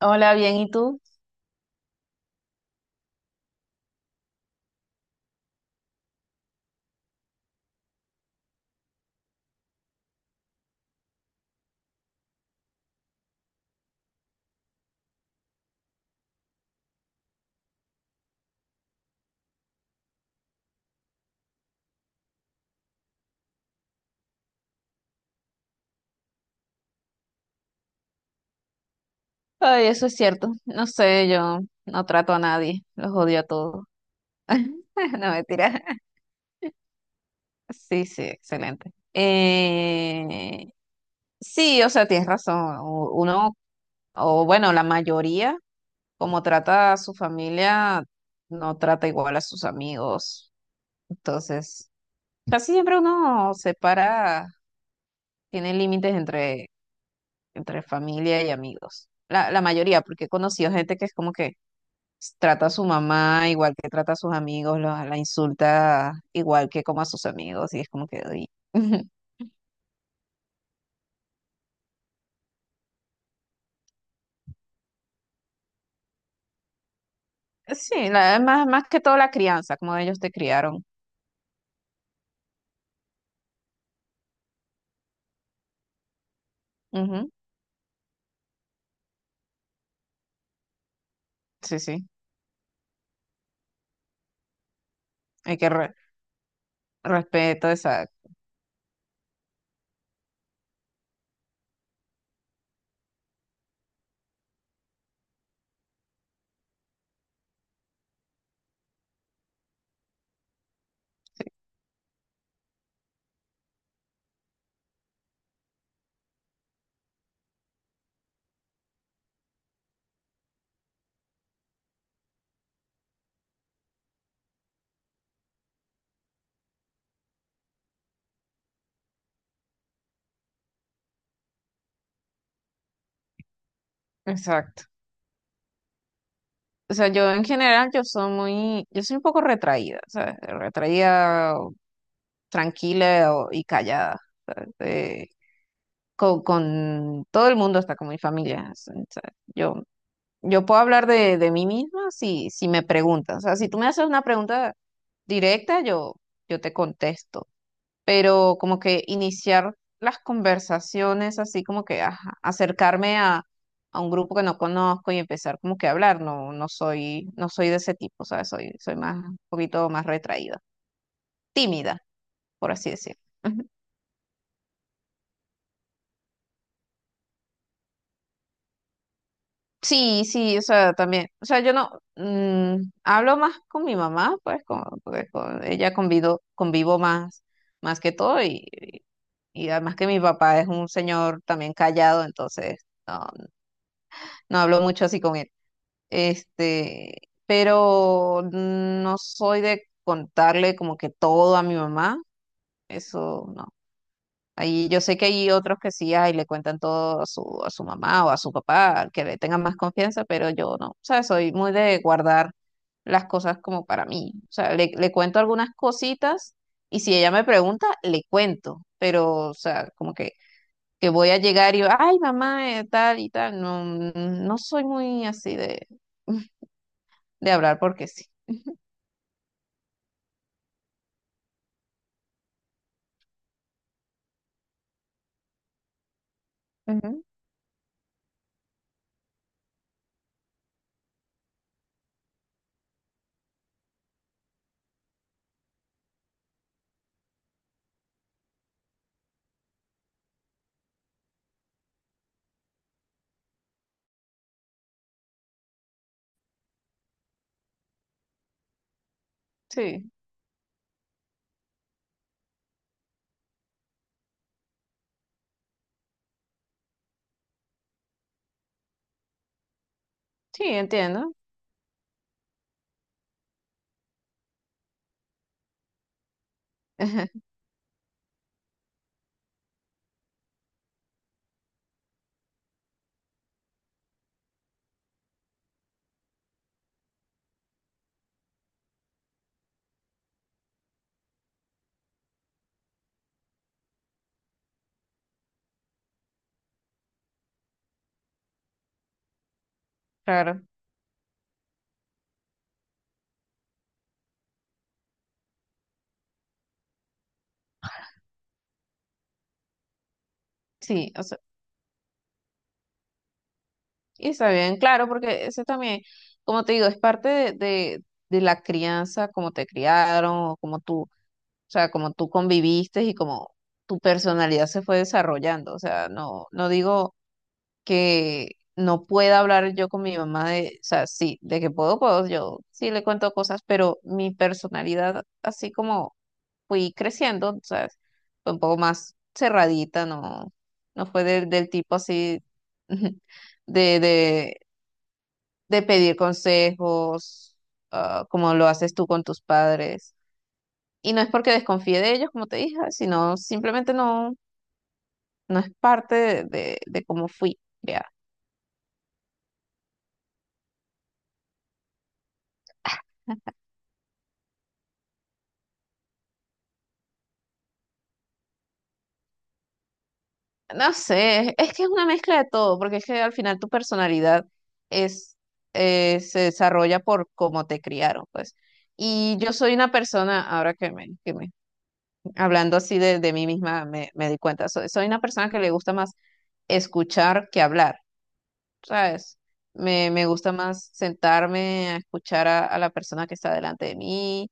Hola, bien, ¿y tú? Ay, eso es cierto. No sé, yo no trato a nadie, los odio a todos. No, mentira. Sí, sí, excelente. Sí, o sea, tienes razón. Uno, o bueno, la mayoría, como trata a su familia, no trata igual a sus amigos. Entonces, casi siempre uno separa, tiene límites entre familia y amigos. La mayoría, porque he conocido gente que es como que trata a su mamá igual que trata a sus amigos, la insulta igual que como a sus amigos, y es como que uy. Sí, más que todo la crianza, como ellos te criaron. Ujú. Sí, sí, hay que respeto, exacto, sí, exacto. O sea, yo en general, yo soy muy, yo soy un poco retraída, ¿sabes? Retraída, o tranquila y callada. eh, con todo el mundo, hasta con mi familia. ¿Sabes? Yo Yo puedo hablar de mí misma si me preguntas. O sea, si tú me haces una pregunta directa, yo te contesto. Pero como que iniciar las conversaciones, así como que ajá, acercarme a un grupo que no conozco y empezar como que a hablar, no, no soy de ese tipo, ¿sabes? Soy más, un poquito más retraída, tímida, por así decirlo. Sí, sí, o sea, también. O sea, yo no hablo más con mi mamá, pues, porque con ella convivo más, más que todo, y además que mi papá es un señor también callado, entonces no hablo mucho así con él. Este, pero no soy de contarle como que todo a mi mamá, eso no. Ahí yo sé que hay otros que sí ay le cuentan todo a su, mamá o a su papá, que le tengan más confianza, pero yo no, o sea, soy muy de guardar las cosas como para mí. O sea, le cuento algunas cositas y si ella me pregunta, le cuento, pero, o sea, como que voy a llegar y, ay, mamá, tal y tal, no, no soy muy así de, de hablar porque sí. Ujú. Sí, sí, entiendo. Claro, sí, o sea. Y está bien, claro, porque ese también, como te digo, es parte de la crianza, cómo te criaron, o como tú, o sea, cómo tú conviviste y cómo tu personalidad se fue desarrollando. O sea, no, no digo que no pueda hablar yo con mi mamá o sea, sí, de que puedo, yo sí le cuento cosas, pero mi personalidad, así como fui creciendo, ¿sabes? Fue un poco más cerradita, no, no fue del tipo así de, de de pedir consejos, como lo haces tú con tus padres. Y no es porque desconfíe de ellos, como te dije, sino simplemente no, no es parte de cómo fui creada. No sé, es que es una mezcla de todo, porque es que al final tu personalidad es, se desarrolla por cómo te criaron, pues. Y yo soy una persona, ahora que me hablando así de mí misma, me di cuenta, soy una persona que le gusta más escuchar que hablar. ¿Sabes? Me gusta más sentarme a escuchar a la persona que está delante de mí,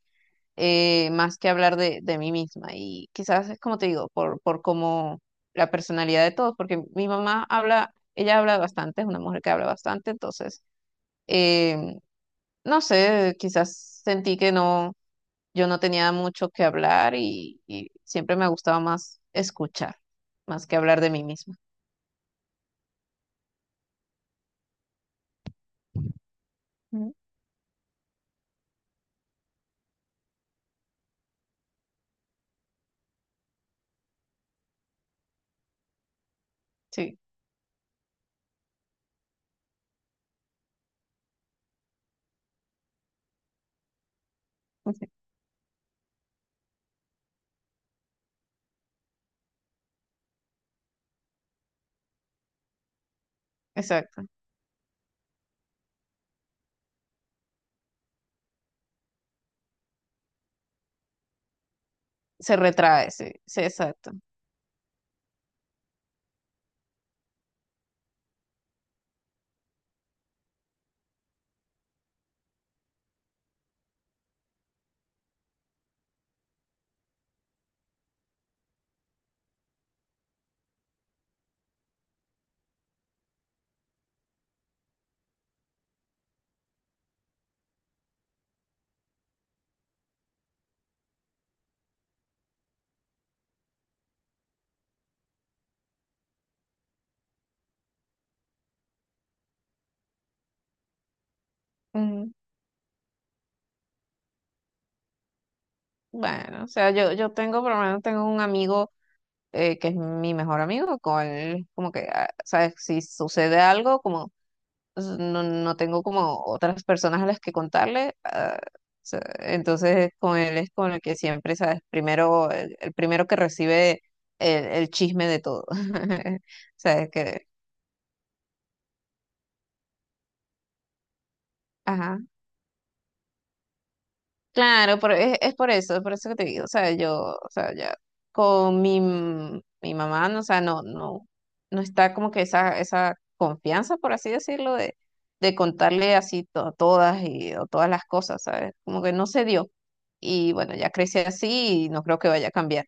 más que hablar de mí misma. Y quizás es como te digo, por como la personalidad de todos, porque mi mamá habla, ella habla bastante, es una mujer que habla bastante, entonces, eh, no sé, quizás sentí que no, yo no tenía mucho que hablar y siempre me gustaba más escuchar, más que hablar de mí misma. Ujú. Sí, exacto. Se retrae, sí, sí, exacto. Mm, Bueno, o sea, yo tengo, por lo menos tengo un amigo que es mi mejor amigo, con él, como que, ¿sabes? Si sucede algo, como no, no tengo como otras personas a las que contarle, o sea, entonces con él es con el que siempre, ¿sabes? Primero, el primero que recibe el chisme de todo. ¿Sabes? Ajá. Claro, es por eso que te digo, o sea, yo, o sea, ya con mi mamá, no, o sea, no está como que esa confianza, por así decirlo, de contarle así todas y o todas las cosas, ¿sabes? Como que no se dio. Y bueno, ya crecí así y no creo que vaya a cambiar.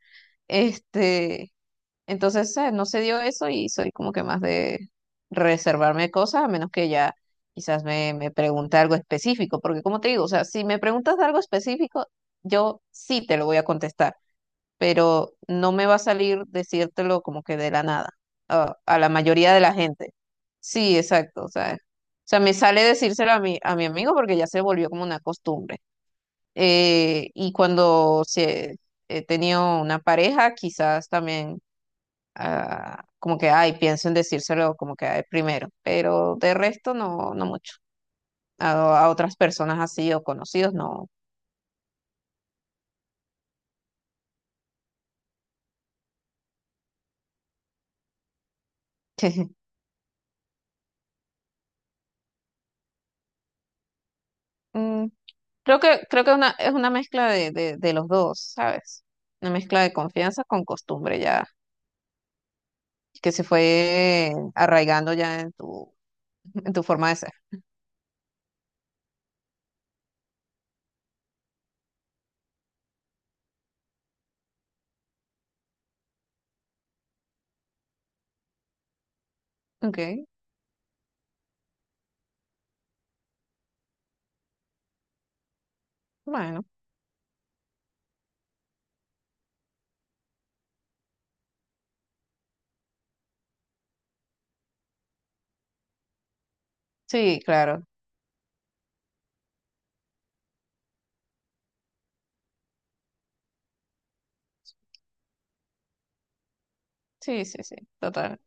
Este, entonces, no se dio eso y soy como que más de reservarme cosas, a menos que ya quizás me, me pregunte algo específico, porque como te digo, o sea, si me preguntas de algo específico, yo sí te lo voy a contestar, pero no me va a salir decírtelo como que de la nada, a la mayoría de la gente. Sí, exacto, o sea, me sale decírselo a mi amigo porque ya se volvió como una costumbre. Y cuando he tenido una pareja, quizás también como que, ay, pienso en decírselo como que, ay, primero, pero de resto no, no mucho. A otras personas así o conocidos, no. Mm, creo que es una mezcla de los dos, ¿sabes? Una mezcla de confianza con costumbre ya, que se fue arraigando ya en tu forma de ser. Ok, bueno, sí, claro, sí, sí, sí, total.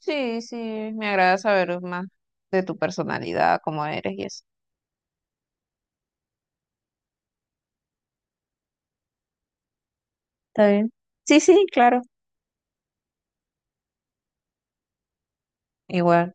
Sí, sí, me agrada saber más de tu personalidad, cómo eres y eso. Está bien. Sí, sí, claro. Igual.